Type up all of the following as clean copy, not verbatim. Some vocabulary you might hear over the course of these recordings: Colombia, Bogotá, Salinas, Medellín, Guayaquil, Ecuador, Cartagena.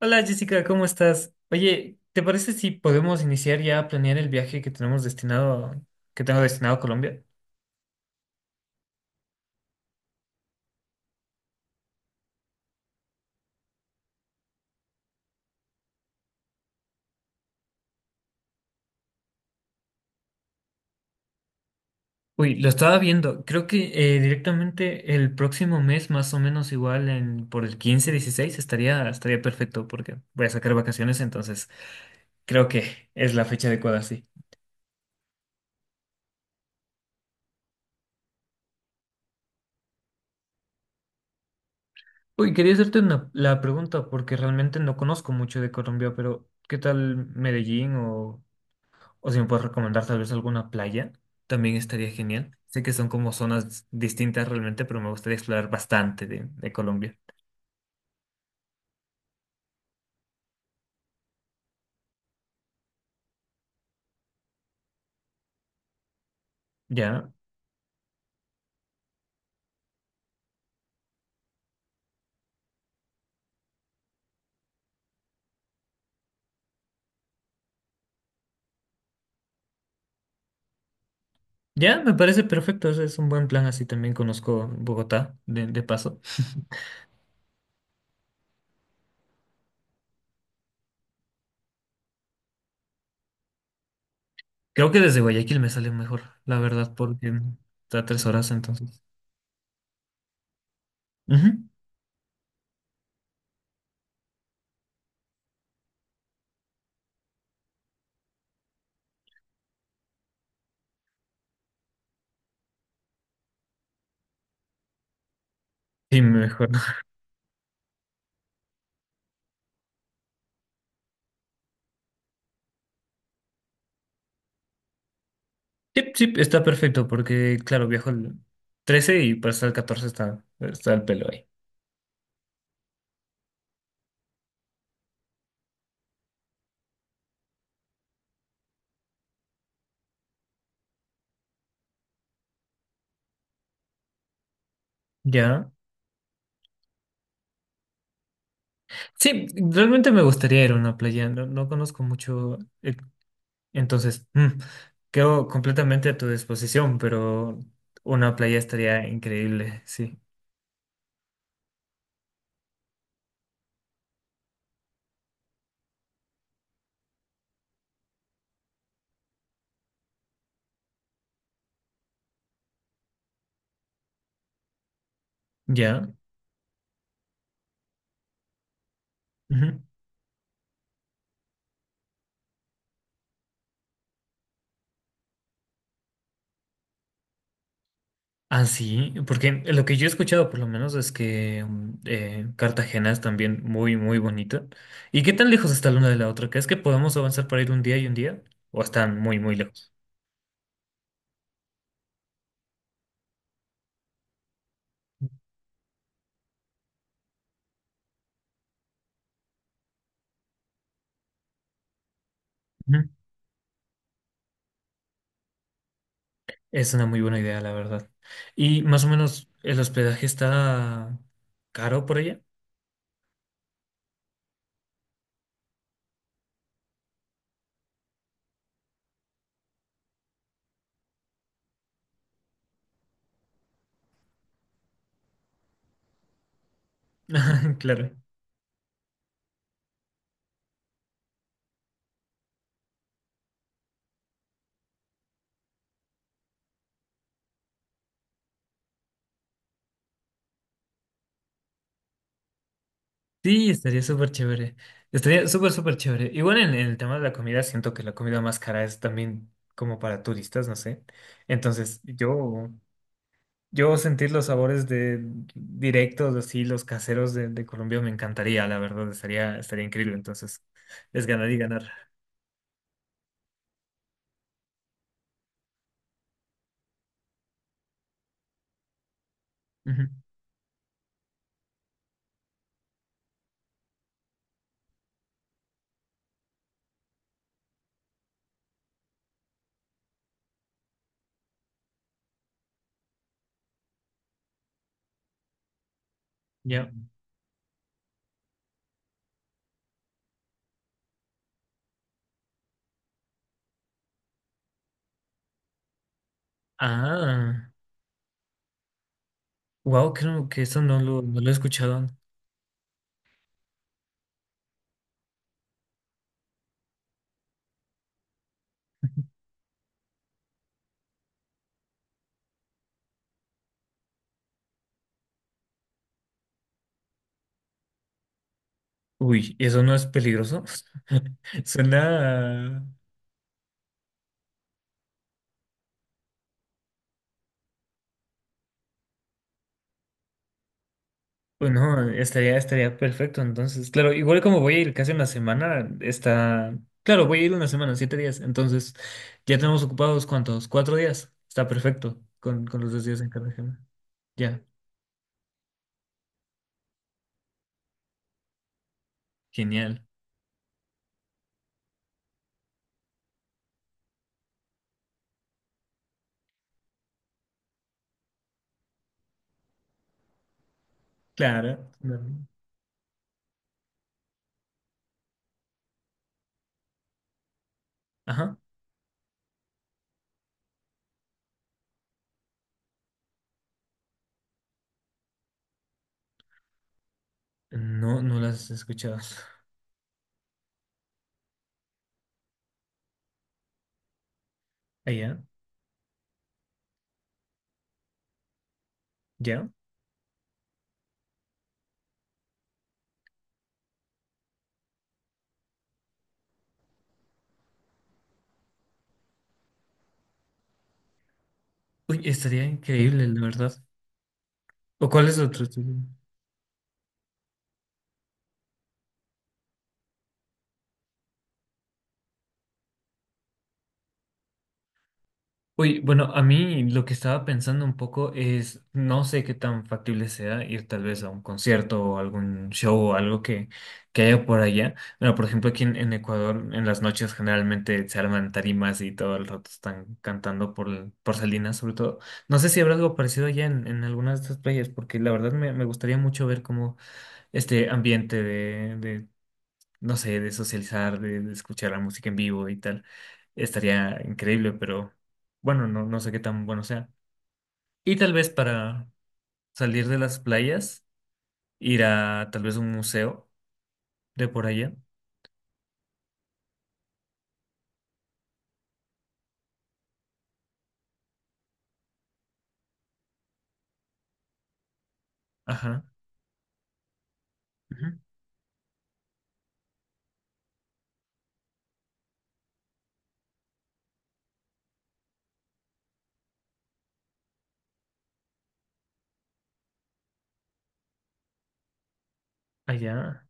Hola Jessica, ¿cómo estás? Oye, ¿te parece si podemos iniciar ya a planear el viaje que tengo destinado a Colombia? Uy, lo estaba viendo. Creo que directamente el próximo mes, más o menos igual por el 15, 16 estaría perfecto porque voy a sacar vacaciones, entonces creo que es la fecha adecuada, sí. Uy, quería hacerte la pregunta porque realmente no conozco mucho de Colombia, pero ¿qué tal Medellín o si me puedes recomendar tal vez alguna playa, también estaría genial. Sé que son como zonas distintas realmente, pero me gustaría explorar bastante de Colombia. Ya, ya, me parece perfecto. Ese Es un buen plan. Así también conozco Bogotá de paso. Creo que desde Guayaquil me sale mejor, la verdad, porque está 3 horas entonces. Ujú. Sí, mejor. Sí, sí, está perfecto porque, claro, viajo el 13 y para estar el 14 está el pelo ahí. Ya. Sí, realmente me gustaría ir a una playa, no, no conozco mucho, entonces quedo completamente a tu disposición, pero una playa estaría increíble, sí. ¿Ya? Ujú. Ah, sí, porque lo que yo he escuchado por lo menos es que Cartagena es también muy, muy bonita. ¿Y qué tan lejos está la una de la otra? ¿Crees que podemos avanzar para ir un día y un día? ¿O están muy, muy lejos? Es una muy buena idea, la verdad. Y más o menos el hospedaje está caro por allá. Claro. Sí, estaría súper chévere. Estaría súper, súper chévere. Igual en el tema de la comida, siento que la comida más cara es también como para turistas, no sé. Entonces, yo sentir los sabores de directos, así, los caseros de Colombia me encantaría, la verdad, estaría increíble. Entonces, es ganar y ganar. Ujú. Ya. Ah, wow, creo que eso no lo he escuchado. Uy, ¿eso no es peligroso? Suena... Bueno, estaría perfecto. Entonces, claro, igual como voy a ir casi una semana, está... Claro, voy a ir una semana, 7 días. Entonces, ya tenemos ocupados, ¿cuántos? 4 días. Está perfecto con los 2 días en Cartagena. Ya, genial. Claro. Ajá. No, no las he escuchado. Allá, ya. Uy, estaría increíble, la verdad. ¿O cuál es otro estudio? Uy, bueno, a mí lo que estaba pensando un poco es, no sé qué tan factible sea ir tal vez a un concierto o algún show o algo que haya por allá. Bueno, por ejemplo, aquí en Ecuador, en las noches generalmente se arman tarimas y todo el rato están cantando por Salinas, sobre todo. No sé si habrá algo parecido allá en algunas de estas playas, porque la verdad me gustaría mucho ver como este ambiente de, no sé, de socializar, de escuchar la música en vivo y tal. Estaría increíble, pero bueno, no, no sé qué tan bueno sea. Y tal vez para salir de las playas, ir a tal vez un museo de por allá. Ajá. Ujú. Allá.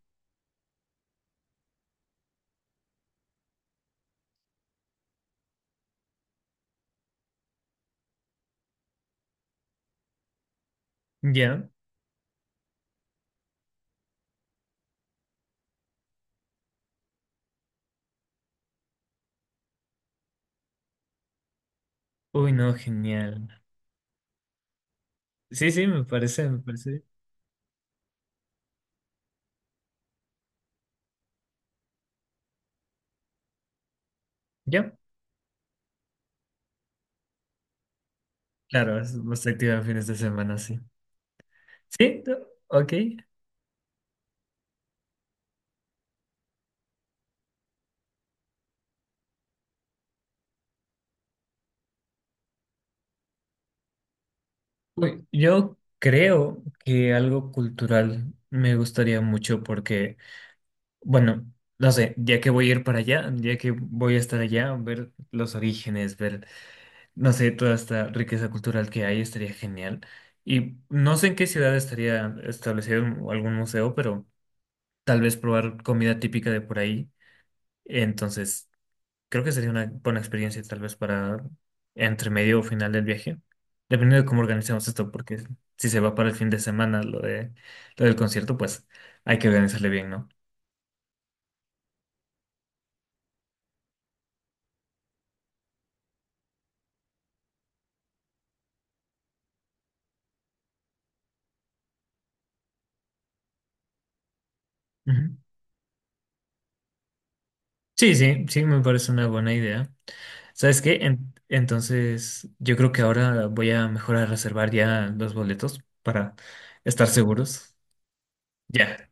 Ya. Uy, no, genial. Sí, sí, me parece, me parece. Ya. Claro, es más activa en fines de semana, sí. Sí, no, ok. Uy, yo creo que algo cultural me gustaría mucho porque, bueno, no sé, ya que voy a ir para allá, ya que voy a estar allá, ver los orígenes, ver, no sé, toda esta riqueza cultural que hay, estaría genial. Y no sé en qué ciudad estaría establecido algún museo, pero tal vez probar comida típica de por ahí. Entonces, creo que sería una buena experiencia tal vez para entre medio o final del viaje, dependiendo de cómo organizamos esto, porque si se va para el fin de semana lo del concierto, pues hay que organizarle bien, ¿no? Sí, sí, sí, me parece una buena idea. ¿Sabes qué? Entonces, yo creo que ahora voy a mejor a reservar ya los boletos para estar seguros. Ya,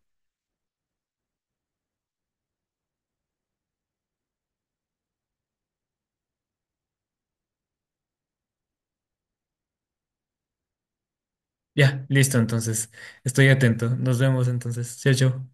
ya, listo, entonces, estoy atento. Nos vemos entonces. Chao, chao.